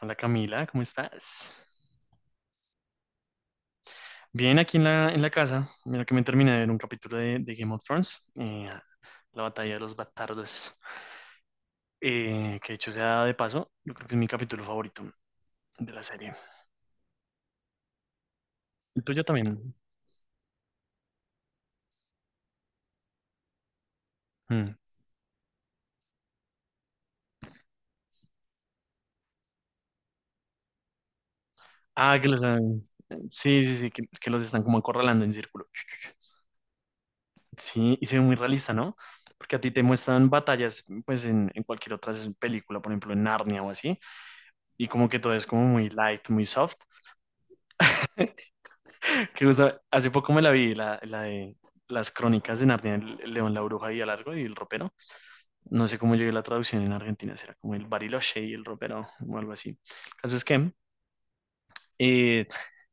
Hola Camila, ¿cómo estás? Bien, aquí en la casa. Mira que me terminé de ver un capítulo de Game of Thrones, la batalla de los bastardos, que hecho sea de paso, yo creo que es mi capítulo favorito de la serie. El tuyo también. Mm. Ah, que los... ah, sí, sí, sí, que los están como acorralando en círculo. Sí, y se ve muy realista, ¿no? Porque a ti te muestran batallas, pues en cualquier otra película, por ejemplo en Narnia o así, y como que todo es como muy light, muy soft. Que justo hace poco me la vi, la de las crónicas de Narnia, el león, la bruja y el largo y el ropero. No sé cómo llegué a la traducción en Argentina, será como el Bariloche y el ropero o algo así. El caso es que eh,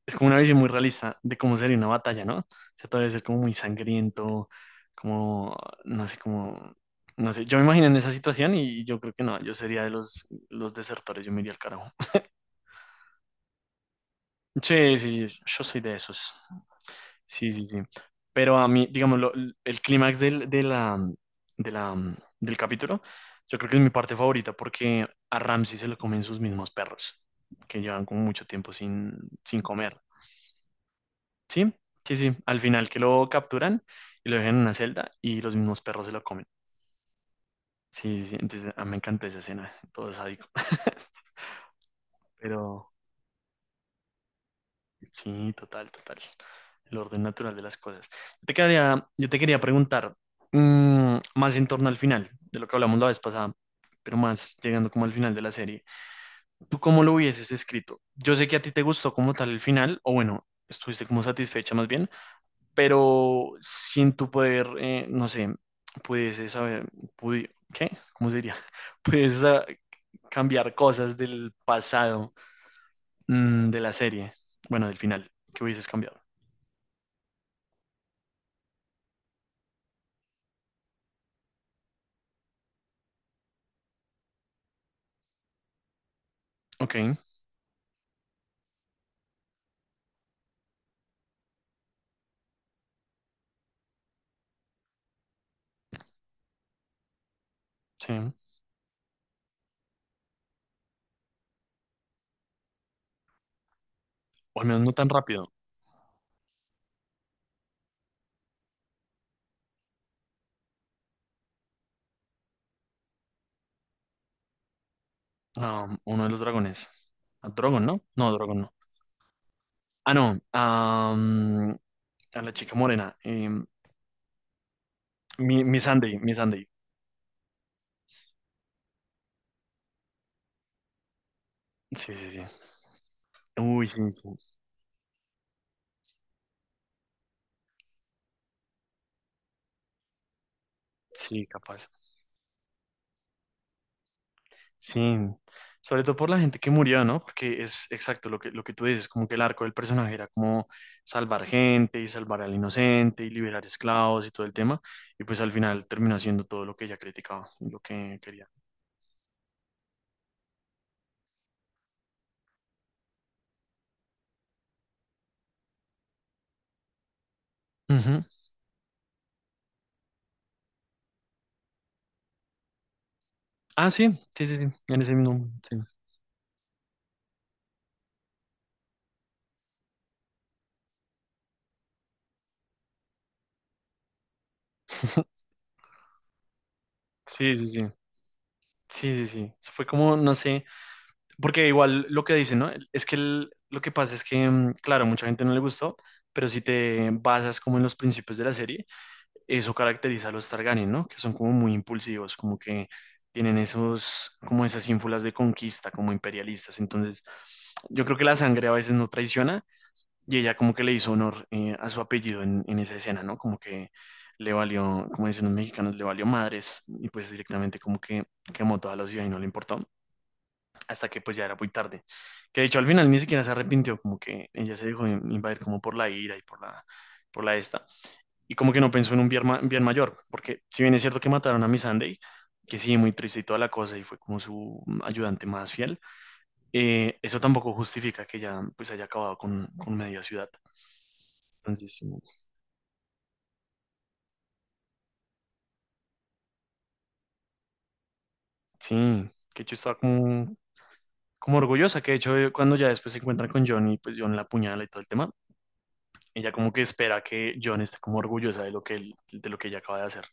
es como una visión muy realista de cómo sería una batalla, ¿no? O sea, todo debe ser como muy sangriento, como, no sé, como, no sé. Yo me imagino en esa situación y yo creo que no, yo sería de los desertores, yo me iría al carajo. Sí, sí, yo soy de esos. Sí, sí, sí. Pero a mí, digamos, el clímax del capítulo, yo creo que es mi parte favorita porque a Ramsey se lo comen sus mismos perros, que llevan como mucho tiempo sin comer. Sí, sí, sí. Al final que lo capturan y lo dejan en una celda y los mismos perros se lo comen. Sí, sí, sí. Entonces, a mí me encanta esa escena, todo sádico. Pero, sí, total, total. El orden natural de las cosas. Yo te quería preguntar más en torno al final de lo que hablamos la vez pasada, pero más llegando como al final de la serie. ¿Tú cómo lo hubieses escrito? Yo sé que a ti te gustó como tal el final, o bueno, estuviste como satisfecha más bien, pero sin tu poder, no sé, pudieses saber, pudi- ¿qué? ¿Cómo se diría? Pudieses cambiar cosas del pasado, de la serie, bueno, del final, que hubieses cambiado. Ok, sí. O al menos no tan rápido. Ah, uno de los dragones. A Drogon, ¿no? No, Drogon no. Ah, no. A la chica morena. Mi Sunday, mi Sunday. Sí, sí, sí. Uy, sí, sí. Sí, capaz. Sí. Sobre todo por la gente que murió, ¿no? Porque es exacto lo que tú dices, como que el arco del personaje era como salvar gente y salvar al inocente y liberar esclavos y todo el tema. Y pues al final terminó haciendo todo lo que ella criticaba, y lo que quería. Ah, sí, sí, sí, sí, en ese mismo, sí. Sí, sí, sí, sí, sí, sí. Eso fue como, no sé, porque igual lo que dicen, ¿no? Es que lo que pasa es que, mm, claro, mucha gente no le gustó, pero si te basas como en los principios de la serie, eso caracteriza a los Targaryen, ¿no? Que son como muy impulsivos, como que tienen esos, como esas ínfulas de conquista, como imperialistas. Entonces, yo creo que la sangre a veces no traiciona. Y ella como que le hizo honor a su apellido en esa escena, ¿no? Como que le valió, como dicen los mexicanos, le valió madres y pues directamente como que quemó toda la ciudad y no le importó, hasta que pues ya era muy tarde. Que de hecho al final ni siquiera se arrepintió, como que ella se dejó invadir como por la ira y por la esta. Y como que no pensó en un bien, bien mayor, porque si bien es cierto que mataron a Miss Sunday, que sí, muy triste y toda la cosa, y fue como su ayudante más fiel, eso tampoco justifica que ella pues haya acabado con media ciudad. Entonces, sí, que yo estaba como, como orgullosa, que de hecho cuando ya después se encuentran con John y pues John la apuñala y todo el tema, ella como que espera que John esté como orgullosa de lo que de lo que ella acaba de hacer.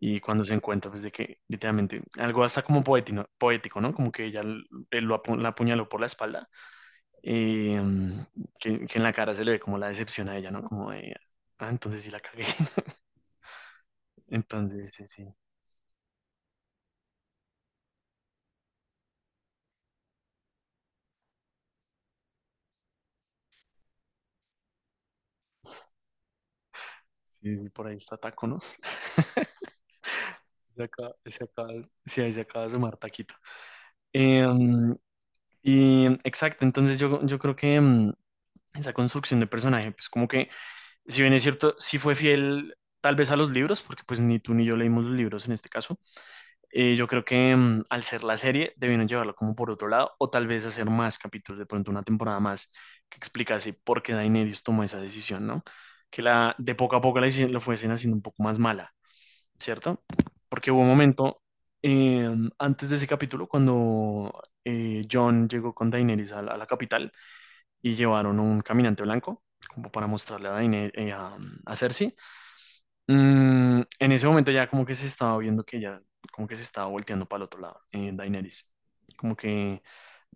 Y cuando se encuentra pues de que literalmente algo hasta como poético, ¿no? Como que él la apuñaló por la espalda, eh, mm, que en la cara se le ve como la decepción a ella, ¿no? Como de, ah, entonces sí la cagué. Entonces, sí, sí, sí, sí, por ahí está Taco, ¿no? Se acaba, sí, ahí se acaba de sumar Taquito. Em, exacto, entonces yo creo que esa construcción de personaje, pues como que, si bien es cierto, sí fue fiel tal vez a los libros, porque pues ni tú ni yo leímos los libros en este caso, yo creo que al ser la serie debieron llevarlo como por otro lado, o tal vez hacer más capítulos, de pronto una temporada más que explicase por qué Daenerys tomó esa decisión, ¿no? Que la, de poco a poco lo fuesen haciendo un poco más mala, ¿cierto? Porque hubo un momento eh, antes de ese capítulo cuando John llegó con Daenerys a a la capital y llevaron un caminante blanco como para mostrarle a Daenerys, a Cersei. Mm, en ese momento ya como que se estaba viendo que ya como que se estaba volteando para el otro lado, Daenerys. Como que,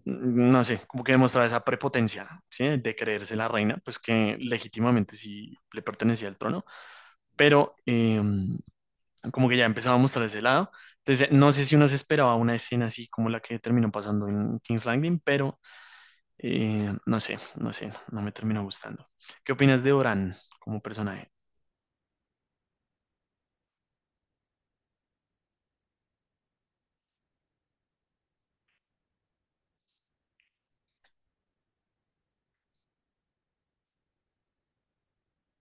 mm, no sé, como que demostraba esa prepotencia, ¿sí? De creerse la reina, pues que legítimamente sí le pertenecía al trono, pero como que ya empezábamos por ese lado. Entonces, no sé si uno se esperaba una escena así como la que terminó pasando en King's Landing, pero no sé, no me terminó gustando. ¿Qué opinas de Oran como personaje?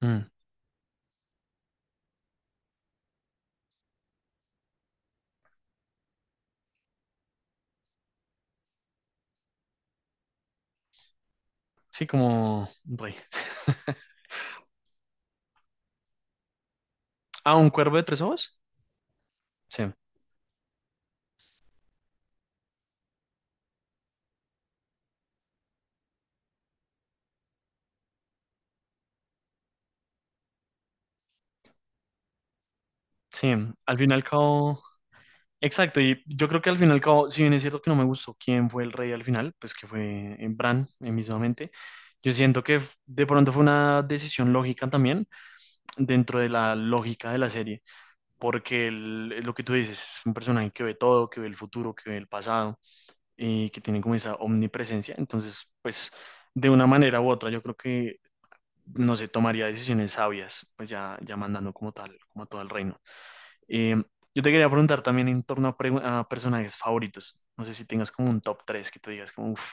Mm, sí, como un rey. Ah, un cuervo de tres ojos. Sí, sí, al fin y al cabo. Exacto, y yo creo que al fin y al cabo, si bien es cierto que no me gustó quién fue el rey al final, pues que fue Bran, mismamente, yo siento que de pronto fue una decisión lógica también, dentro de la lógica de la serie, porque lo que tú dices es un personaje que ve todo, que ve el futuro, que ve el pasado y que tiene como esa omnipresencia. Entonces, pues de una manera u otra, yo creo que no se tomaría decisiones sabias, pues ya, ya mandando como tal, como a todo el reino. Eh, yo te quería preguntar también en torno a, a personajes favoritos. No sé si tengas como un top 3 que tú digas como, uff,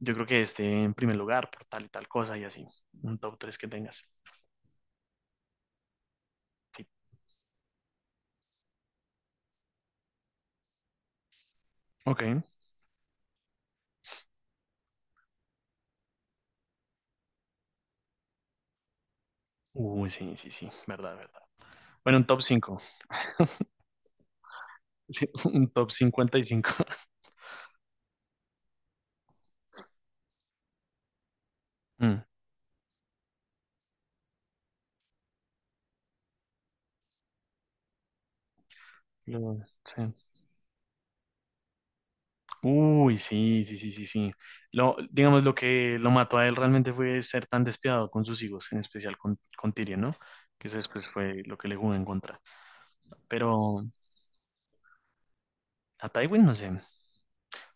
yo creo que este en primer lugar por tal y tal cosa y así. Un top 3 que tengas. Sí. Ok. Uy, sí, sí, sí, verdad, verdad. Bueno, un top 5, un top 55. Mm, lo- sí. Uy, sí, sí, sí, sí, sí. Lo, digamos, lo que lo mató a él realmente fue ser tan despiadado con sus hijos, en especial con Tyrion, ¿no? Que eso después fue lo que le jugó en contra. Pero a Tywin no sé.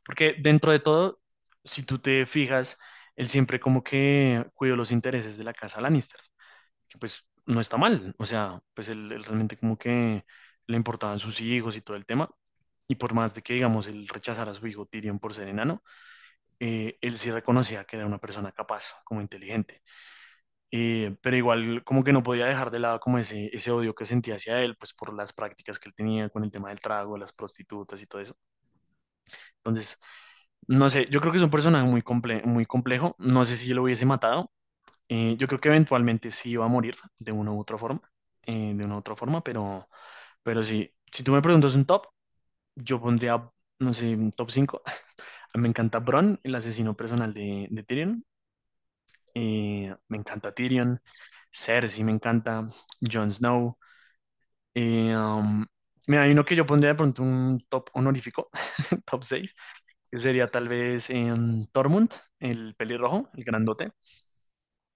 Porque dentro de todo, si tú te fijas, él siempre como que cuidó los intereses de la casa Lannister, que pues no está mal, o sea, pues él realmente como que le importaban sus hijos y todo el tema, y por más de que, digamos, él rechazara a su hijo Tyrion por ser enano, él sí reconocía que era una persona capaz, como inteligente. Pero igual como que no podía dejar de lado como ese odio que sentía hacia él, pues por las prácticas que él tenía con el tema del trago, las prostitutas y todo eso. Entonces, no sé, yo creo que es un personaje muy complejo, no sé si yo lo hubiese matado, yo creo que eventualmente sí iba a morir de una u otra forma, eh, de una u otra forma, pero, pero sí, si tú me preguntas un top, yo pondría, no sé, un top cinco. Me encanta Bronn, el asesino personal de Tyrion. Me encanta Tyrion. Cersei me encanta. Jon Snow. Eh, um, mira, hay uno que yo pondría de pronto un top honorífico, top seis, que sería tal vez Tormund, el pelirrojo, el grandote.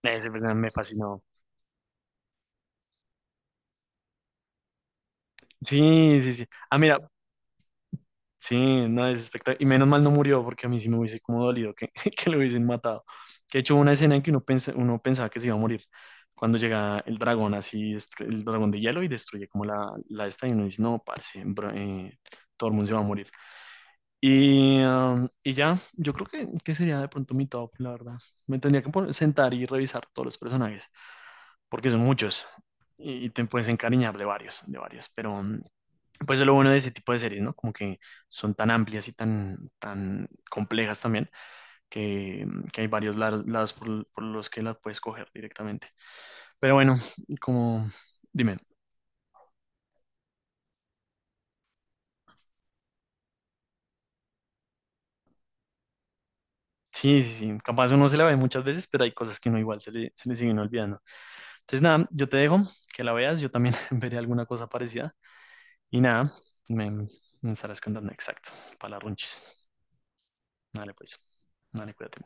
Ese personaje me fascinó. Sí, sí, sí. Ah, mira, sí, no, es espectacular. Y menos mal no murió, porque a mí sí me hubiese como dolido que, que lo hubiesen matado. Que de hecho hubo una escena en que uno pensaba que se iba a morir. Cuando llega el dragón, así, el dragón de hielo y destruye como la esta, y uno dice, no, parce, bro, Tormund se va a morir. Y, y ya, yo creo que sería de pronto mi top, la verdad. Me tendría que sentar y revisar todos los personajes, porque son muchos. Y te puedes encariñar de varios, de varios. Pero, mm, pues es lo bueno de ese tipo de series, ¿no? Como que son tan amplias y tan, tan complejas también, que, que hay varios lados, lados por los que las puedes coger directamente. Pero bueno, como, dime, sí, sí, sí, capaz uno se la ve muchas veces, pero hay cosas que uno igual se le siguen olvidando. Entonces nada, yo te dejo que la veas, yo también veré alguna cosa parecida. Y nada, me estarás contando exacto, para las runchis. Dale pues, dale, cuídate.